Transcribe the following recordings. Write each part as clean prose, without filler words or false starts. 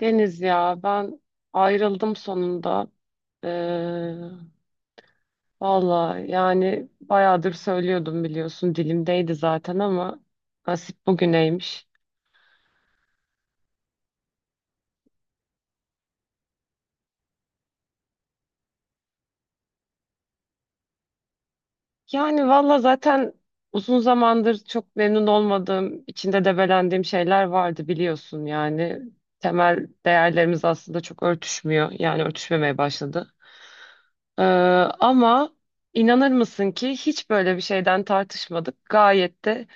Deniz ya ben ayrıldım sonunda. Ee, Valla yani bayağıdır söylüyordum biliyorsun, dilimdeydi zaten, ama nasip bugüneymiş. Yani valla zaten uzun zamandır çok memnun olmadığım, içinde debelendiğim şeyler vardı biliyorsun yani. Temel değerlerimiz aslında çok örtüşmüyor, yani örtüşmemeye başladı. Ee, ama inanır mısın ki hiç böyle bir şeyden tartışmadık. Gayet de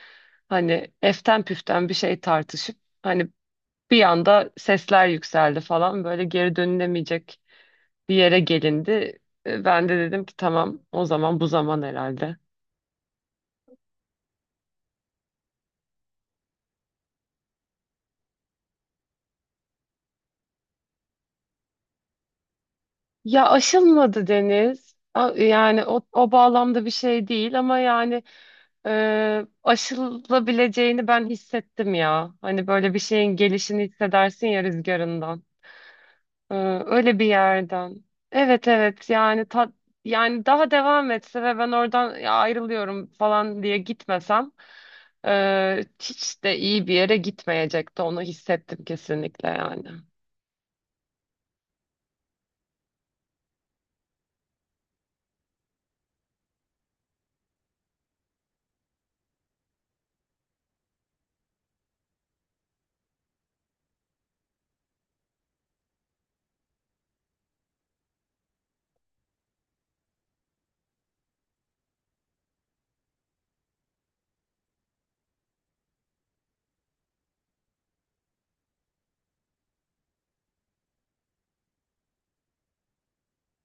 hani eften püften bir şey tartışıp, hani bir anda sesler yükseldi falan, böyle geri dönülemeyecek bir yere gelindi. Ben de dedim ki tamam, o zaman bu zaman herhalde. Ya aşılmadı Deniz. Yani o bağlamda bir şey değil, ama yani aşılabileceğini ben hissettim ya. Hani böyle bir şeyin gelişini hissedersin ya, rüzgarından. Ee, öyle bir yerden. Evet, evet, yani yani daha devam etse ve ben oradan "Ya ayrılıyorum" falan diye gitmesem, hiç de iyi bir yere gitmeyecekti, onu hissettim kesinlikle yani.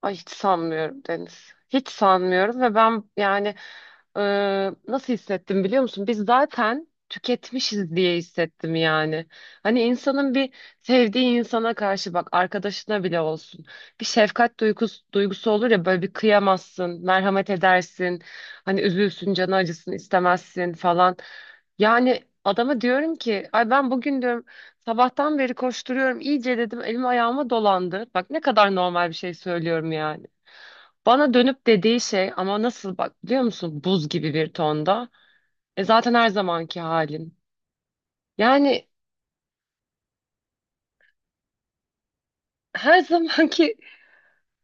Ay hiç sanmıyorum Deniz. Hiç sanmıyorum, ve ben yani, nasıl hissettim biliyor musun? Biz zaten tüketmişiz diye hissettim yani. Hani insanın bir sevdiği insana karşı, bak arkadaşına bile olsun, bir şefkat duygusu olur ya, böyle bir kıyamazsın, merhamet edersin. Hani üzülsün, canı acısın, istemezsin falan. Yani adama diyorum ki, ay ben bugün diyorum sabahtan beri koşturuyorum iyice, dedim elim ayağıma dolandı. Bak ne kadar normal bir şey söylüyorum yani. Bana dönüp dediği şey, ama nasıl bak biliyor musun, buz gibi bir tonda: "E zaten her zamanki halim." Yani her zamanki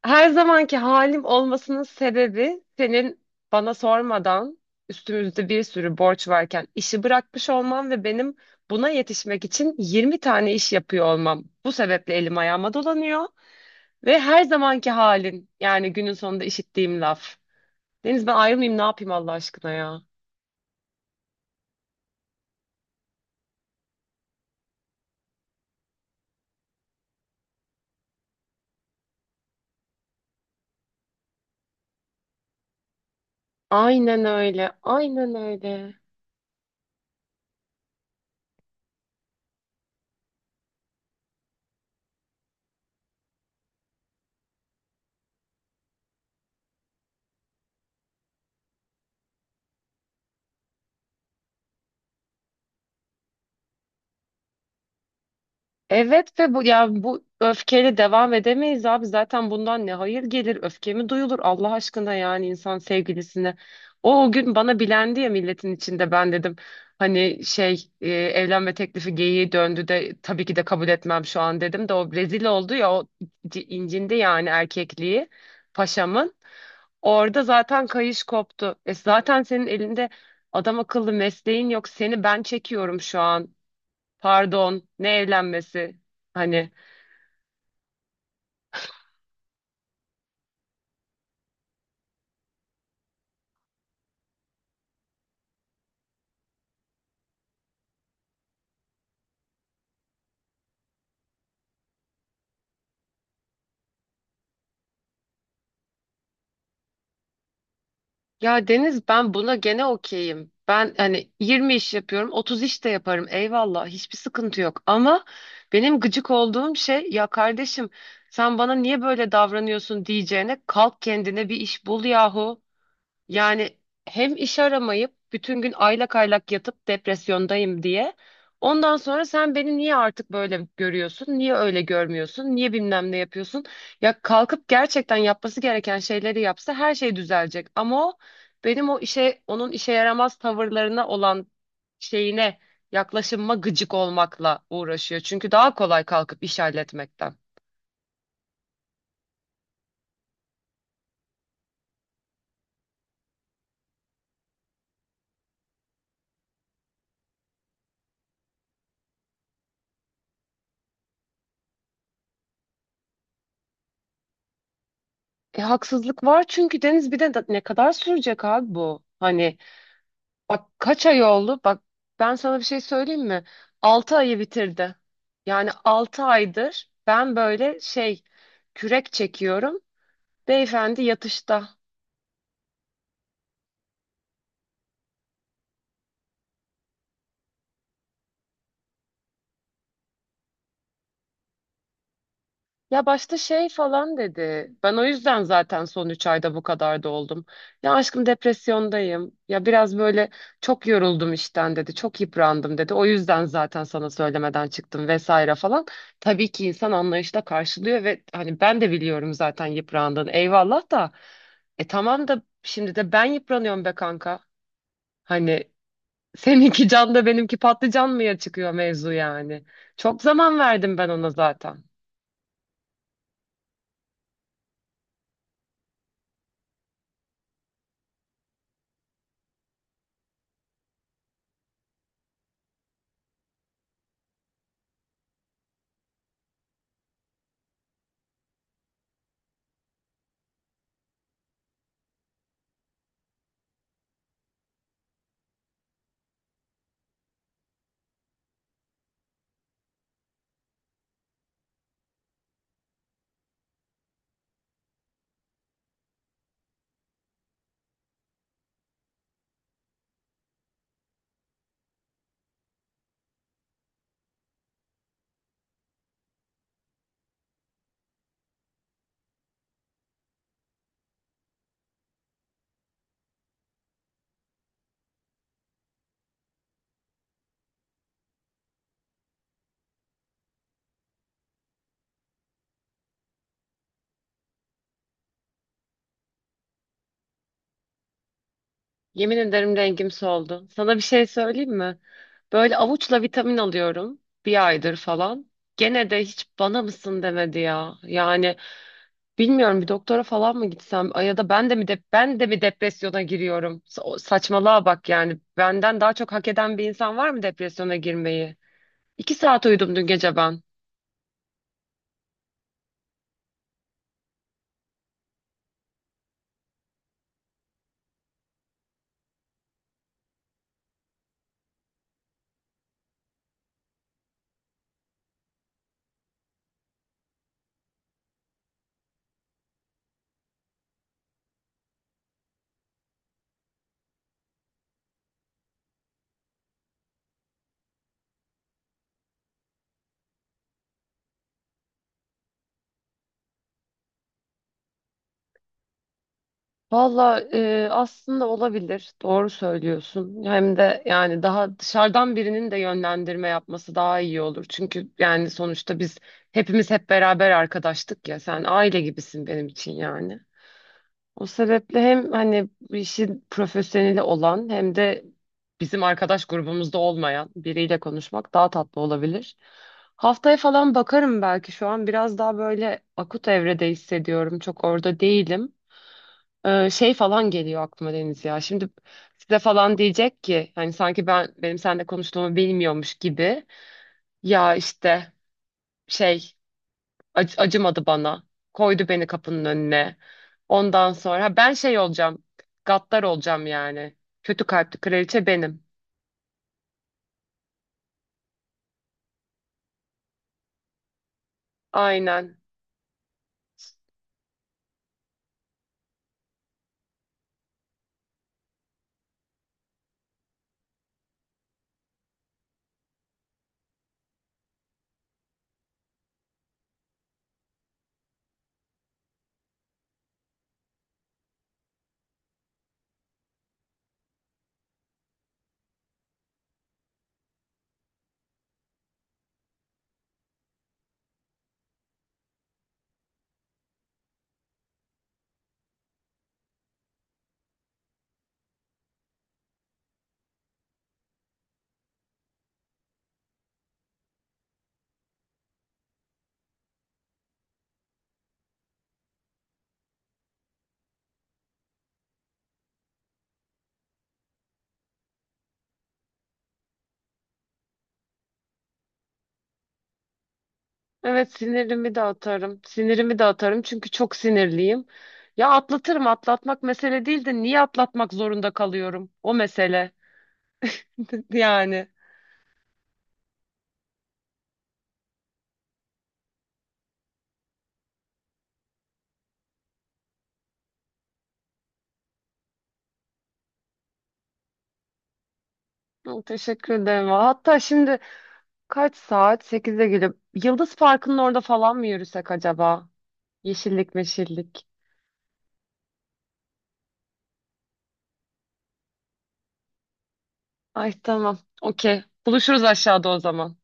her zamanki halim olmasının sebebi, senin bana sormadan üstümüzde bir sürü borç varken işi bırakmış olmam ve benim buna yetişmek için 20 tane iş yapıyor olmam. Bu sebeple elim ayağıma dolanıyor ve her zamanki halin, yani günün sonunda işittiğim laf. Deniz ben ayrılmayayım ne yapayım Allah aşkına ya. Aynen öyle. Aynen öyle. Evet, ve bu ya bu öfkeyle devam edemeyiz abi. Zaten bundan ne hayır gelir? Öfke mi duyulur Allah aşkına, yani insan sevgilisine? O gün bana bilendi ya milletin içinde, ben dedim. Hani şey, evlenme teklifi geyiği döndü de, tabii ki de kabul etmem şu an dedim, de o rezil oldu ya, o incindi yani, erkekliği paşamın. Orada zaten kayış koptu. Zaten senin elinde adam akıllı mesleğin yok. Seni ben çekiyorum şu an. Pardon, ne evlenmesi? Hani ya Deniz, ben buna gene okeyim. Ben hani 20 iş yapıyorum, 30 iş de yaparım. Eyvallah, hiçbir sıkıntı yok. Ama benim gıcık olduğum şey, ya kardeşim, sen bana niye böyle davranıyorsun diyeceğine, kalk kendine bir iş bul yahu. Yani hem iş aramayıp bütün gün aylak aylak yatıp depresyondayım diye. Ondan sonra sen beni niye artık böyle görüyorsun? Niye öyle görmüyorsun? Niye bilmem ne yapıyorsun? Ya kalkıp gerçekten yapması gereken şeyleri yapsa her şey düzelecek. Ama o benim o işe onun işe yaramaz tavırlarına olan şeyine yaklaşımıma gıcık olmakla uğraşıyor. Çünkü daha kolay kalkıp iş halletmekten. Haksızlık var çünkü Deniz, bir de ne kadar sürecek abi bu? Hani bak kaç ay oldu? Bak ben sana bir şey söyleyeyim mi? 6 ayı bitirdi. Yani 6 aydır ben böyle şey, kürek çekiyorum. Beyefendi yatışta. Ya başta şey falan dedi. Ben o yüzden zaten son 3 ayda bu kadar da oldum. Ya aşkım depresyondayım. Ya biraz böyle çok yoruldum işten dedi. Çok yıprandım dedi. O yüzden zaten sana söylemeden çıktım vesaire falan. Tabii ki insan anlayışla karşılıyor ve hani ben de biliyorum zaten yıprandığını. Eyvallah da. Tamam da, şimdi de ben yıpranıyorum be kanka. Hani seninki can da benimki patlıcan mıya çıkıyor mevzu yani. Çok zaman verdim ben ona zaten. Yemin ederim rengim soldu. Sana bir şey söyleyeyim mi? Böyle avuçla vitamin alıyorum, bir aydır falan. Gene de hiç bana mısın demedi ya. Yani bilmiyorum, bir doktora falan mı gitsem, ya da ben de mi depresyona giriyorum? Saçmalığa bak yani. Benden daha çok hak eden bir insan var mı depresyona girmeyi? 2 saat uyudum dün gece ben. Valla aslında olabilir. Doğru söylüyorsun. Hem de yani daha dışarıdan birinin de yönlendirme yapması daha iyi olur. Çünkü yani sonuçta biz hepimiz hep beraber arkadaştık ya. Sen aile gibisin benim için yani. O sebeple hem hani bu işin profesyoneli olan, hem de bizim arkadaş grubumuzda olmayan biriyle konuşmak daha tatlı olabilir. Haftaya falan bakarım belki. Şu an biraz daha böyle akut evrede hissediyorum. Çok orada değilim. Şey falan geliyor aklıma Deniz ya. Şimdi size falan diyecek ki, hani sanki benim seninle konuştuğumu bilmiyormuş gibi. Ya işte şey, acımadı bana. Koydu beni kapının önüne. Ondan sonra ha ben şey olacağım. Gaddar olacağım yani. Kötü kalpli kraliçe benim. Aynen. Evet, sinirimi de atarım. Sinirimi de atarım çünkü çok sinirliyim. Ya atlatırım, atlatmak mesele değil de niye atlatmak zorunda kalıyorum? O mesele yani. Hı, teşekkür ederim. Hatta şimdi kaç saat? 8'e gelip Yıldız Parkı'nın orada falan mı yürüsek acaba? Yeşillik meşillik. Ay tamam. Okey. Buluşuruz aşağıda o zaman.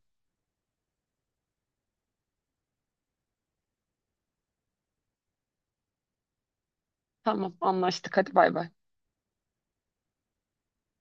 Tamam anlaştık. Hadi bay bay.